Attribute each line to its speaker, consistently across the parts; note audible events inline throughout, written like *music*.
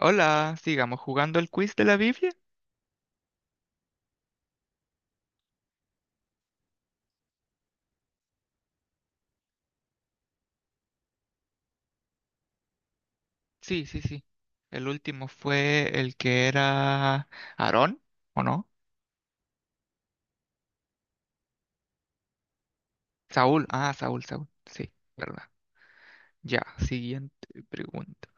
Speaker 1: Hola, sigamos jugando el quiz de la Biblia. Sí, sí, sí. El último fue el que era Aarón, ¿o no? Saúl, ah, Saúl, Saúl. Sí, verdad. Ya, siguiente pregunta.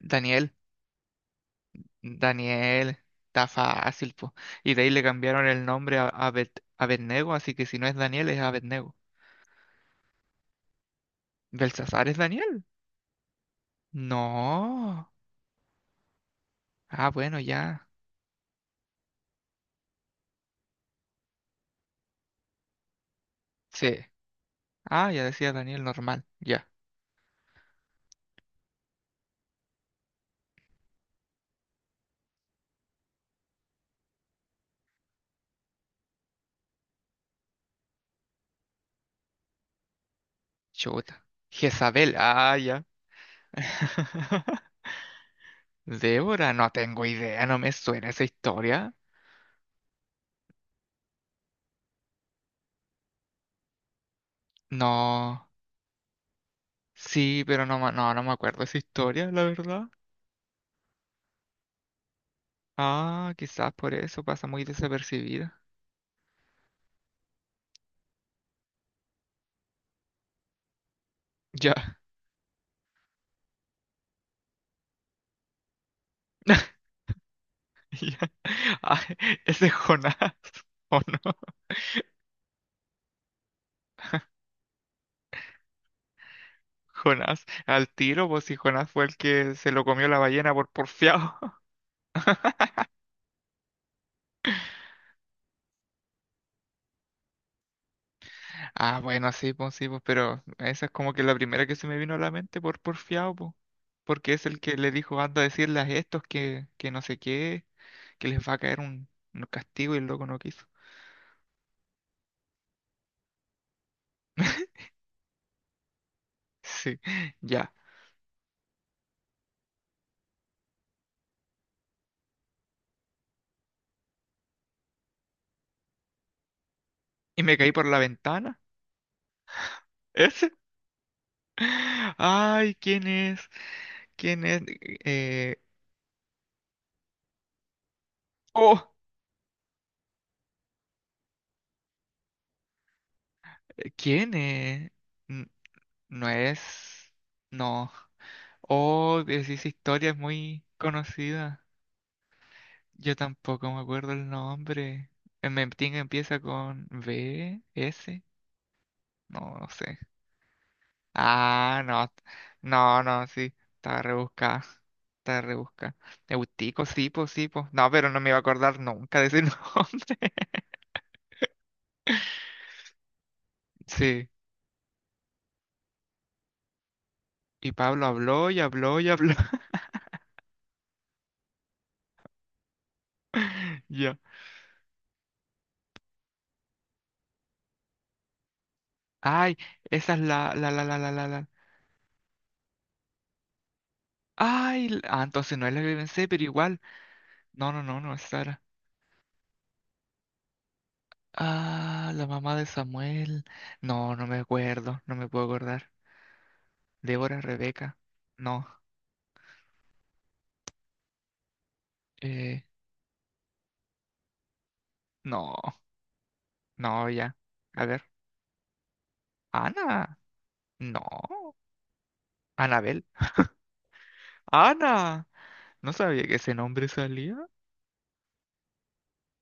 Speaker 1: Daniel, Daniel, está fácil, po. Y de ahí le cambiaron el nombre a Abed, Abednego, así que si no es Daniel, es Abednego. ¿Belsasar es Daniel? No. Ah, bueno, ya. Sí. Ah, ya decía Daniel normal. Ya. Chuta. Jezabel, ah, ya. *laughs* Débora, no tengo idea, no me suena esa historia. No, sí, pero no, no, no me acuerdo esa historia, la verdad. Ah, quizás por eso pasa muy desapercibida. Ya. *laughs* Ya. Ah, ese es Jonás, ¿o no? *laughs* Jonás, al tiro, pues si Jonás fue el que se lo comió la ballena por porfiado. Ah, bueno, sí, pues, pero esa es como que la primera que se me vino a la mente por porfiado, pues. Porque es el que le dijo, anda a decirles a estos que no sé qué, que les va a caer un castigo y el loco no quiso. *laughs* Sí, ya. Y me caí por la ventana. ¿Ese? *laughs* Ay, ¿quién es? ¿Quién es? Eh, oh, ¿quién es? N- No es. No. Oh, esa historia es muy conocida. Yo tampoco me acuerdo el nombre. En Memting empieza con B, S. No, no sé. Ah, no. No, no, sí. Estaba rebuscada. Estaba rebuscada. Eutico, sí, po, sí, po. No, pero no me iba a acordar nunca de ese *laughs* nombre. Sí. Y Pablo habló y habló y habló. *laughs* Ya. Ay, esa es la. Ay, ah, entonces no es la que pensé, pero igual. No, no, no, no es Sara. Ah, la mamá de Samuel. No, no me acuerdo, no me puedo acordar. Débora, Rebeca. No, eh, no, no, ya. A ver, Ana. No, Anabel. Ana. No sabía que ese nombre salía.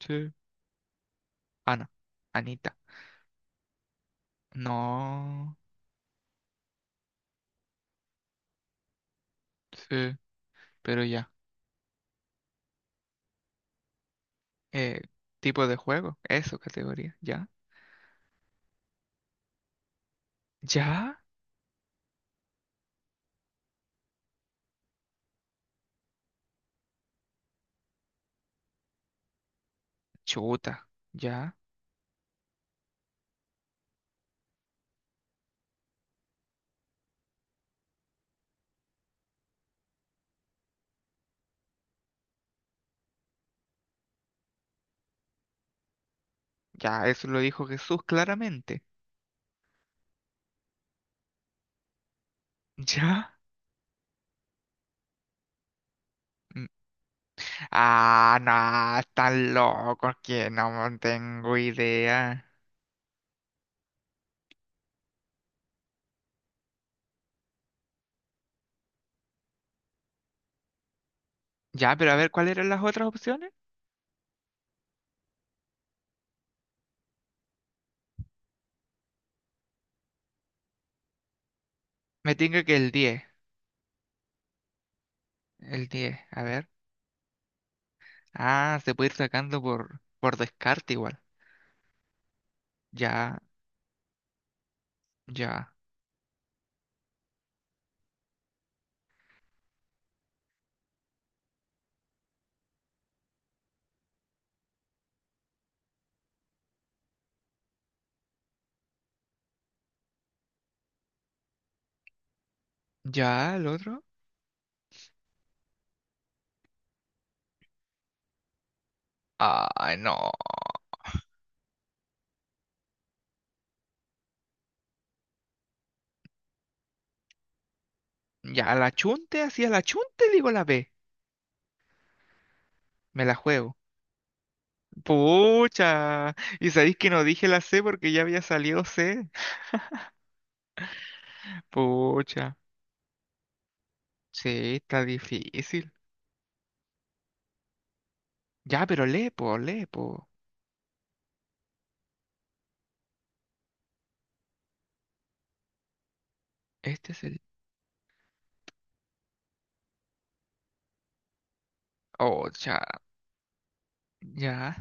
Speaker 1: Sí. Ana, Anita. No, sí, pero ya. Eh, Tipo de juego, eso, categoría. Ya, ya, chuta, ya, ya, eso lo dijo Jesús claramente. Ya. Mm. Ah, no, están locos que no tengo idea. Ya, pero a ver, ¿cuáles eran las otras opciones? Me tinca que el 10, el 10. A ver. Ah, se puede ir sacando por descarte igual. Ya, ya. Ya, el otro. Ah, no. Ya, la chunte, así a la chunte digo la B. Me la juego. Pucha. Y sabéis que no dije la C porque ya había salido C. Pucha. Sí, está difícil. Ya, pero lee, po, lee, po. Este es el... Oh, ya, ya.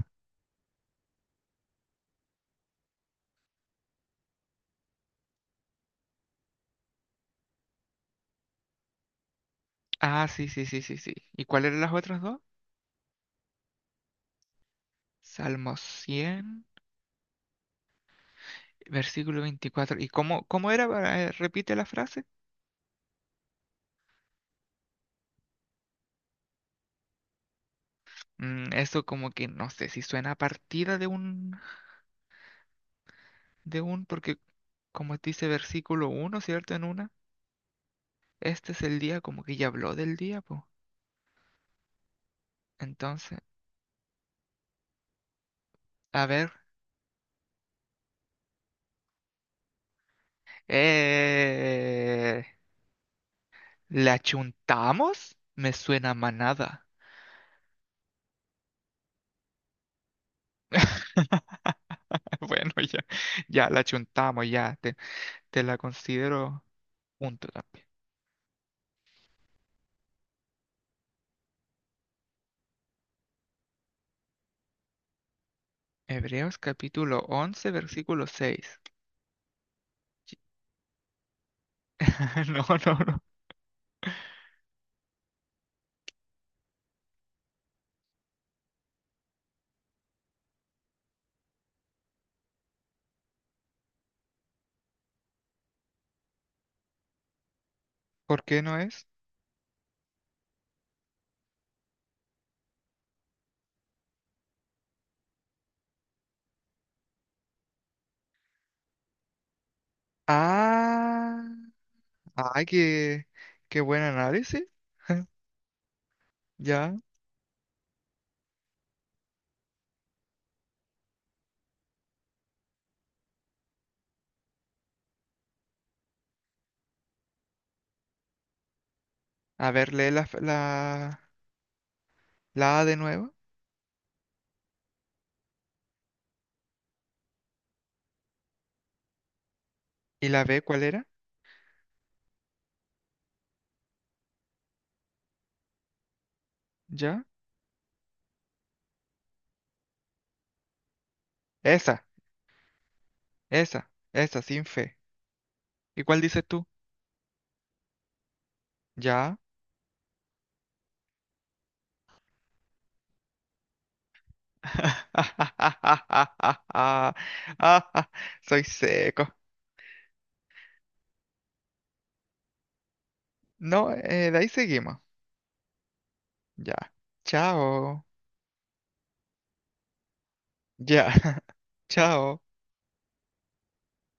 Speaker 1: Ah, sí, sí, sí, sí, sí. ¿Y cuáles eran las otras dos? Salmo 100 versículo 24. ¿Y cómo era? Repite la frase. Mm, eso como que no sé si suena a partida de un, porque como dice versículo uno, ¿cierto? En una. Este es el día, como que ya habló del día, pues. Entonces, a ver. Eh, ¿La chuntamos? Me suena a manada. *laughs* *laughs* Bueno, ya, ya la chuntamos, ya, te la considero punto también. Hebreos capítulo 11 versículo seis. *laughs* No, no, no. ¿Por qué no es? Ah, ay, qué, buen análisis. *laughs* Ya. A ver, lee la A de nuevo. ¿Y la B cuál era? Ya. Esa, esa, sin fe. ¿Y cuál dices tú? Ya. *laughs* Ah, soy seco. No, de ahí seguimos. Ya. Chao. Ya. *laughs* Chao.